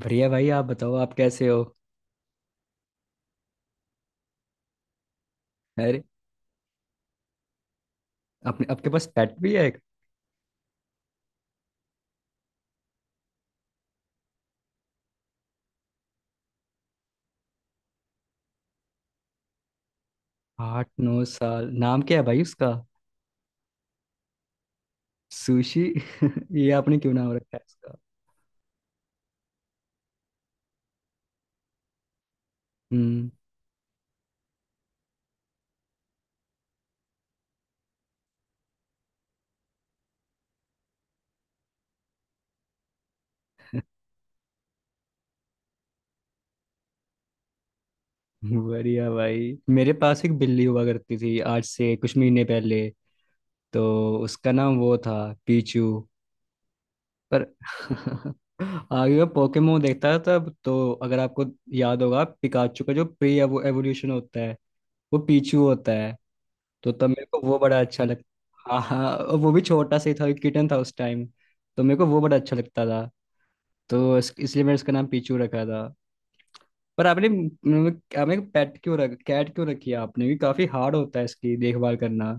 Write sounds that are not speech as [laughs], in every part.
बढ़िया भाई। आप बताओ, आप कैसे हो? अरे, अपने आपके पास पेट भी है एक? 8-9 साल, नाम क्या है भाई उसका? सुशी। [laughs] ये आपने क्यों नाम रखा है उसका? हम्म। बढ़िया भाई, मेरे पास एक बिल्ली हुआ करती थी आज से कुछ महीने पहले। तो उसका नाम वो था पीचू। पर [laughs] आगे मैं पोकेमोन देखता था तब, तो अगर आपको याद होगा पिकाचू का जो प्री एवोल्यूशन होता है वो पीचू होता है। तो तब मेरे को वो बड़ा अच्छा लग... हाँ हाँ, और वो भी छोटा सा ही था, किटन था उस टाइम। तो मेरे को वो बड़ा अच्छा लगता था। तो इसलिए मैंने इसका नाम पीचू रखा था। पर आपने, मतलब आपने पेट क्यों रख कैट क्यों रखी है आपने भी? काफी हार्ड होता है इसकी देखभाल करना।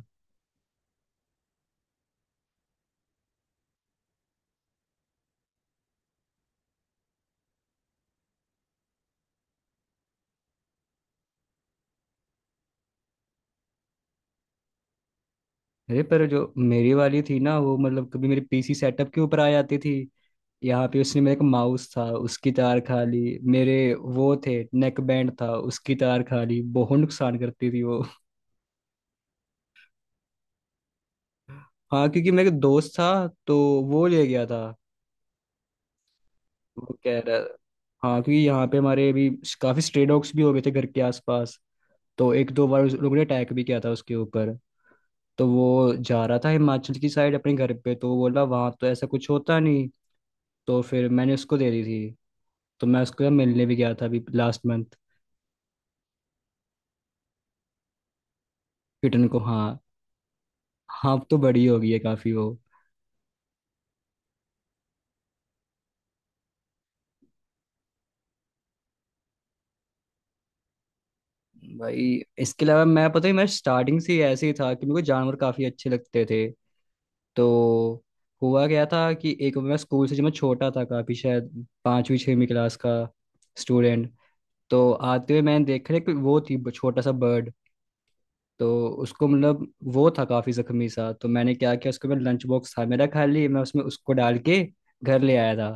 अरे, पर जो मेरी वाली थी ना, वो मतलब कभी मेरे पीसी सेटअप के ऊपर आ जाती थी यहाँ पे। उसने मेरे को माउस था उसकी तार खा ली, मेरे वो थे नेक बैंड था उसकी तार खा ली, बहुत नुकसान करती थी वो। हाँ, क्योंकि मेरे दोस्त था तो वो ले गया था। वो कह रहा... हाँ, क्योंकि यहाँ पे हमारे अभी काफी स्ट्रे डॉग्स भी हो गए थे घर के आसपास। तो 1-2 बार उस लोगों ने अटैक भी किया था उसके ऊपर। तो वो जा रहा था हिमाचल की साइड अपने घर पे, तो वो बोला वहां तो ऐसा कुछ होता नहीं। तो फिर मैंने उसको दे दी थी। तो मैं उसको मिलने भी गया था अभी लास्ट मंथ। किटन को, हाँ। हाँ, अब तो बड़ी हो गई है काफी वो। भाई, इसके अलावा मैं पता ही मैं स्टार्टिंग से ही ऐसे ही था कि मेरे को जानवर काफी अच्छे लगते थे। तो हुआ क्या था कि एक, मैं स्कूल से, जब मैं छोटा था काफी, शायद 5वीं 6वीं क्लास का स्टूडेंट, तो आते हुए मैंने देखा एक वो थी छोटा सा बर्ड। तो उसको, मतलब वो था काफी जख्मी सा, तो मैंने क्या किया उसके बाद, लंच बॉक्स था मेरा खाली, मैं उसमें उसको डाल के घर ले आया था।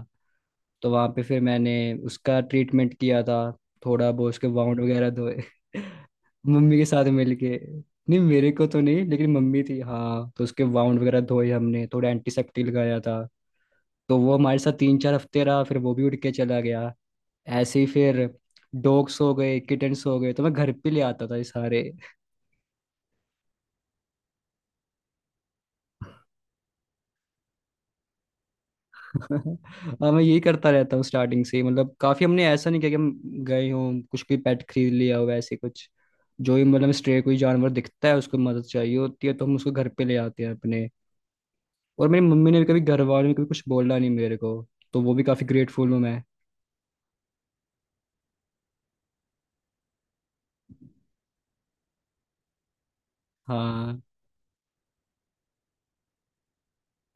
तो वहाँ पे फिर मैंने उसका ट्रीटमेंट किया था, थोड़ा बहुत उसके वाउंड वगैरह धोए। [laughs] मम्मी के साथ मिलके, नहीं मेरे को तो नहीं, लेकिन मम्मी थी हाँ, तो उसके वाउंड वगैरह धोए हमने, थोड़ा एंटीसेप्टिक लगाया था। तो वो हमारे साथ 3-4 हफ्ते रहा, फिर वो भी उठ के चला गया। ऐसे ही फिर डॉग्स हो गए, किटन्स हो गए, तो मैं घर पे ले आता था ये सारे। [laughs] हाँ, मैं यही करता रहता हूँ स्टार्टिंग से ही। मतलब काफी हमने ऐसा नहीं किया कि हम गए हों कुछ भी पेट खरीद लिया हो ऐसे कुछ। जो ही मतलब स्ट्रे कोई जानवर दिखता है उसको मदद चाहिए होती है तो हम उसको घर पे ले आते हैं अपने। और मेरी मम्मी ने भी कभी, घर वालों ने कभी कुछ बोला नहीं मेरे को, तो वो भी काफी ग्रेटफुल हूँ मैं। हाँ।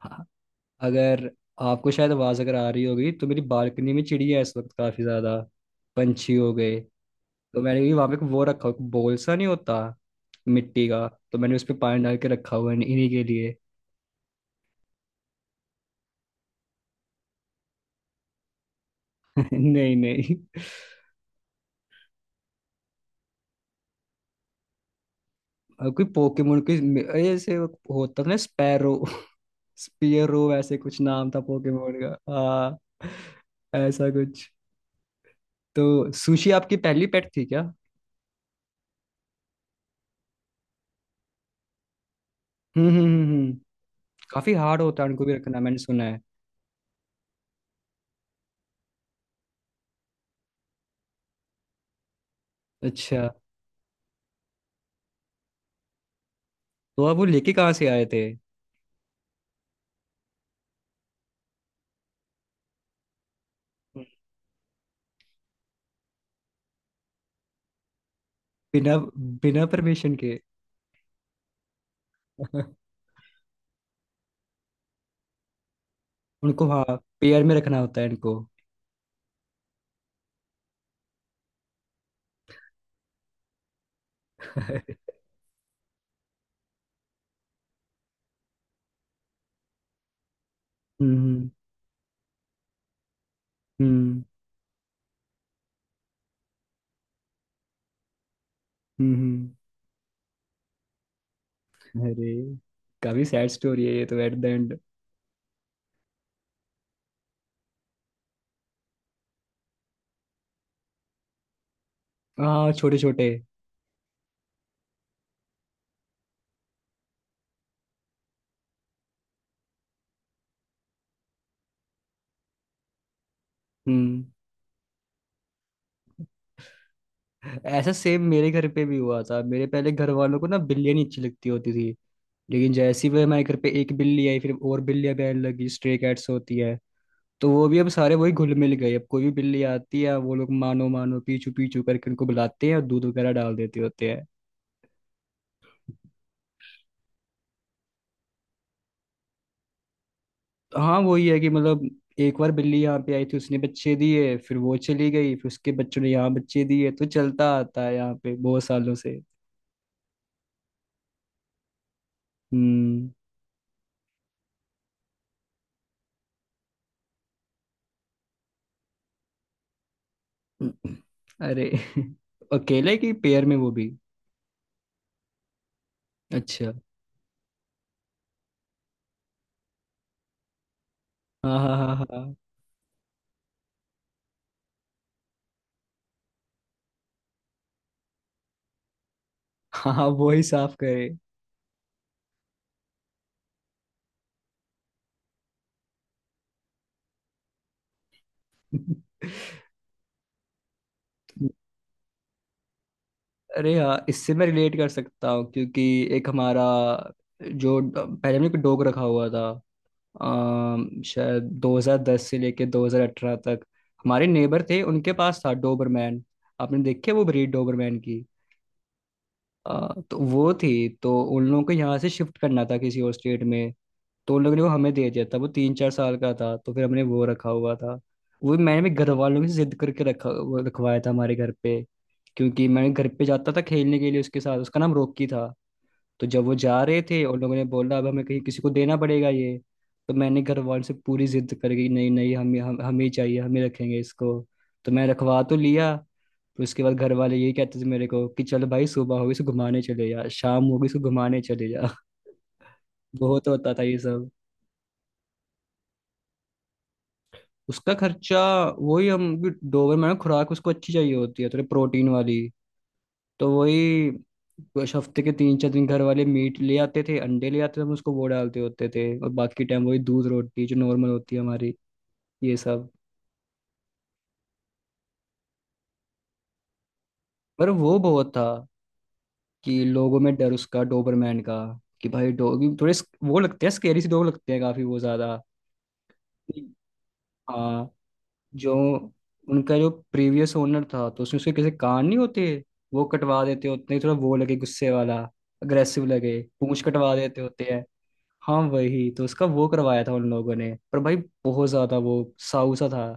हाँ। अगर आपको शायद आवाज अगर आ रही होगी तो मेरी बालकनी में चिड़िया है इस वक्त, काफी ज्यादा पंछी हो गए। तो मैंने भी वहां पे एक वो रखा हुआ, बोल सा नहीं होता, मिट्टी का। तो मैंने उस पे पानी डाल के रखा हुआ है इन्हीं के लिए। नहीं नहीं। और कोई पोकेमोन कोई ऐसे होता था ना, स्पैरो, स्पियरो ऐसे कुछ नाम था पोकेमोन का, हाँ। ऐसा कुछ। तो सुशी आपकी पहली पेट थी क्या? हम्म हम्म हम्म हम्म। काफी हार्ड होता है उनको भी रखना, मैंने सुना है। अच्छा, तो आप वो लेके कहाँ से आए थे? बिना... बिना परमिशन के? [laughs] उनको, हाँ, पेयर में रखना होता है इनको। [laughs] हम्म हम्म हम्म हम्म। अरे, काफी सैड स्टोरी है ये तो एट द एंड। हाँ, छोटे छोटे। हम्म। ऐसा सेम मेरे घर पे भी हुआ था, मेरे पहले घर वालों को ना बिल्लियाँ नहीं अच्छी लगती होती थी, लेकिन जैसे ही वो हमारे घर पे एक बिल्ली आई फिर और बिल्लियाँ भी आने लगी, स्ट्रे कैट्स होती है। तो वो भी अब सारे वही घुल मिल गए, अब कोई भी बिल्ली आती है वो लोग मानो मानो पीछू पीछू करके उनको बुलाते हैं और दूध वगैरह डाल देते होते हैं। तो हाँ, वही है कि मतलब एक बार बिल्ली यहाँ पे आई थी, उसने बच्चे दिए, फिर वो चली गई, फिर उसके बच्चों ने यहाँ बच्चे दिए, तो चलता आता है यहाँ पे बहुत सालों से। हम्म। अरे [laughs] अकेले की पेयर में वो भी? अच्छा। हाँ हाँ हाँ हाँ। हाँ, हाँ, वो ही साफ करे। [laughs] अरे हाँ, इससे मैं रिलेट कर सकता हूँ क्योंकि एक हमारा, जो पहले हमने एक डॉग रखा हुआ था, शायद 2010 से लेके 2018 तक। हमारे नेबर थे, उनके पास था डोबरमैन, आपने देखे वो ब्रीड डोबरमैन? तो वो थी, तो उन लोगों को यहाँ से शिफ्ट करना था किसी और स्टेट में, तो उन लोगों ने वो हमें दे दिया था। वो 3-4 साल का था, तो फिर हमने वो रखा हुआ था। वो मैंने भी घर वालों से जिद करके रखा, वो रखवाया था हमारे घर पे, क्योंकि मैं घर पे जाता था खेलने के लिए उसके साथ, उसका नाम रॉकी था। तो जब वो जा रहे थे और लोगों ने बोला अब हमें कहीं किसी को देना पड़ेगा ये, तो मैंने घर वालों से पूरी जिद कर गई, नहीं नहीं हमें, हम हमें ही चाहिए, हमें रखेंगे इसको। तो मैं रखवा तो लिया। फिर उसके बाद घर वाले यही कहते थे मेरे को कि चलो भाई, सुबह होगी इसको घुमाने चले जा, शाम होगी इसको घुमाने चले जा। [laughs] बहुत होता था ये सब। उसका खर्चा, वही, हम डोबर खुराक उसको अच्छी चाहिए होती है, थोड़ी प्रोटीन वाली, तो वही कुछ हफ्ते के 3-4 दिन घर वाले मीट ले आते थे, अंडे ले आते थे, हम उसको वो डालते होते थे, और बाकी टाइम वही दूध रोटी जो नॉर्मल होती है हमारी, ये सब। पर वो बहुत था कि लोगों में डर, उसका डोबरमैन का कि भाई डॉगी थोड़े वो लगते हैं, स्केरी से डॉग लगते हैं काफी वो ज्यादा। हाँ, जो, उनका जो प्रीवियस ओनर था, तो उसमें उसके कैसे कान नहीं होते, वो कटवा देते होते हैं, थोड़ा वो लगे गुस्से वाला, अग्रेसिव लगे, पूंछ कटवा देते होते हैं। हाँ वही, तो उसका वो करवाया था उन लोगों ने, पर भाई बहुत ज्यादा वो साऊ सा था।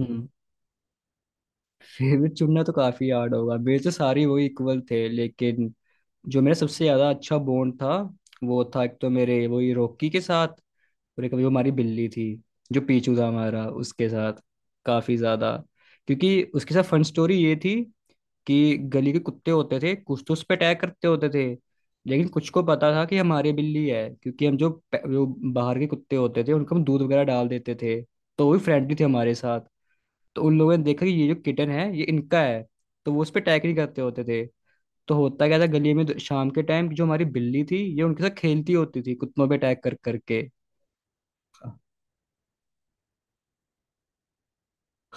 हम्म। फेवरेट चुनना तो काफी हार्ड होगा, मेरे तो सारे वो इक्वल थे, लेकिन जो मेरा सबसे ज्यादा अच्छा बॉन्ड था, वो था एक तो मेरे वही रॉकी के साथ, और एक अभी वो हमारी बिल्ली थी जो पीछू था हमारा, उसके साथ काफी ज्यादा। क्योंकि उसके साथ फन स्टोरी ये थी कि गली के कुत्ते होते थे कुछ, तो उस पर अटैक करते होते थे, लेकिन कुछ को पता था कि हमारी बिल्ली है, क्योंकि हम जो बाहर के कुत्ते होते थे उनको हम दूध वगैरह डाल देते थे, तो वो भी फ्रेंडली थे हमारे साथ। तो उन लोगों ने देखा कि ये जो किटन है ये इनका है, तो वो उस पर अटैक नहीं करते होते थे। तो होता क्या था गली में, तो शाम के टाइम जो हमारी बिल्ली थी ये उनके साथ खेलती होती थी, कुत्तों पे अटैक कर करके।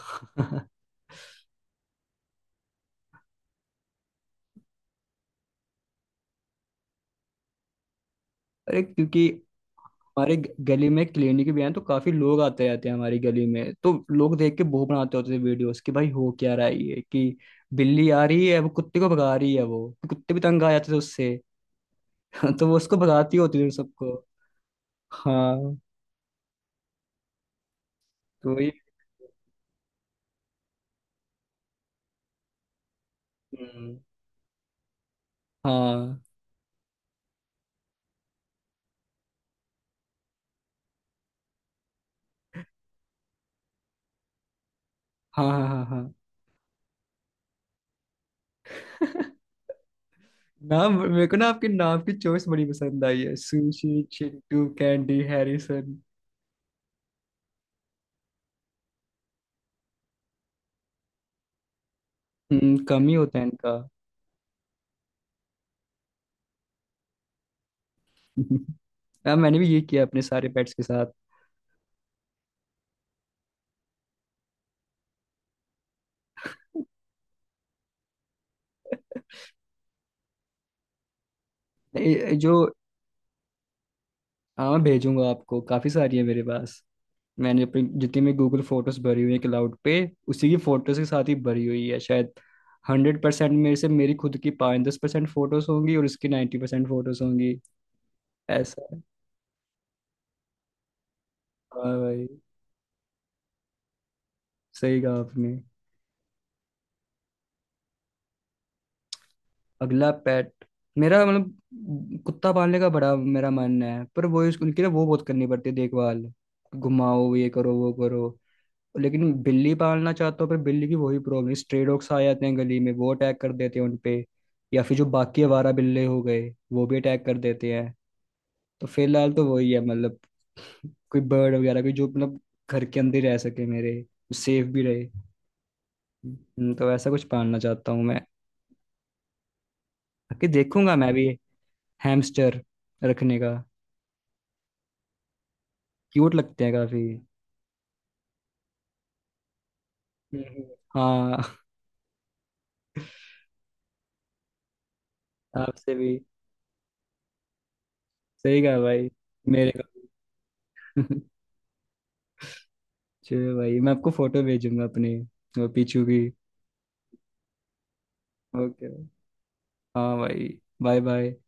[laughs] अरे, क्योंकि हमारे गली में क्लिनिक भी है, तो काफी लोग आते रहते हैं हमारी गली में, तो लोग देख के वो बनाते होते थे वीडियोस कि भाई हो क्या रहा है ये, कि बिल्ली आ रही है वो कुत्ते को भगा रही है, वो कुत्ते भी तंग आ जाते थे उससे। [laughs] तो वो उसको भगाती होती थी उन सबको। हाँ। तो वही। हम्म, हाँ हाँ हाँ हाँ हाँ। [laughs] नाम, मेरे को ना आपके नाम की चॉइस बड़ी पसंद आई है, सुशी, चिंटू, कैंडी, हैरिसन। कम ही होता है इनका। [laughs] हाँ, मैंने भी ये किया अपने सारे पेट्स के साथ। नहीं, जो... हाँ, भेजूंगा आपको, काफी सारी है मेरे पास। मैंने अपनी जितनी भी गूगल फोटोज भरी हुई है क्लाउड पे, उसी की फोटोज के साथ ही भरी हुई है शायद। 100%, मेरे से मेरी खुद की 5-10% फोटोज होंगी और उसकी 90% फोटोज होंगी, ऐसा है। हाँ भाई, सही कहा आपने। अगला पेट, मेरा मतलब कुत्ता पालने का बड़ा मेरा मन है, पर वो उनकी ना वो बहुत करनी पड़ती है देखभाल, घुमाओ, ये करो वो करो, लेकिन बिल्ली पालना चाहता हूँ, पर बिल्ली की वही प्रॉब्लम, स्ट्रे डॉग्स आ जाते हैं गली में वो अटैक कर देते हैं उनपे, या फिर जो बाकी आवारा बिल्ले हो गए वो भी अटैक कर देते हैं। तो फिलहाल तो वही है, मतलब कोई बर्ड वगैरह, कोई जो मतलब घर के अंदर ही रह सके मेरे, सेफ भी रहे। तो ऐसा कुछ पालना चाहता हूँ मैं। बाकी देखूंगा मैं भी, हैमस्टर रखने का, क्यूट लगते हैं काफी। हम्म। हाँ। आपसे भी सही कहा भाई मेरे को। [laughs] चलो भाई, मैं आपको फोटो भेजूंगा अपने, वो पीछू की। ओके, हाँ भाई, बाय बाय।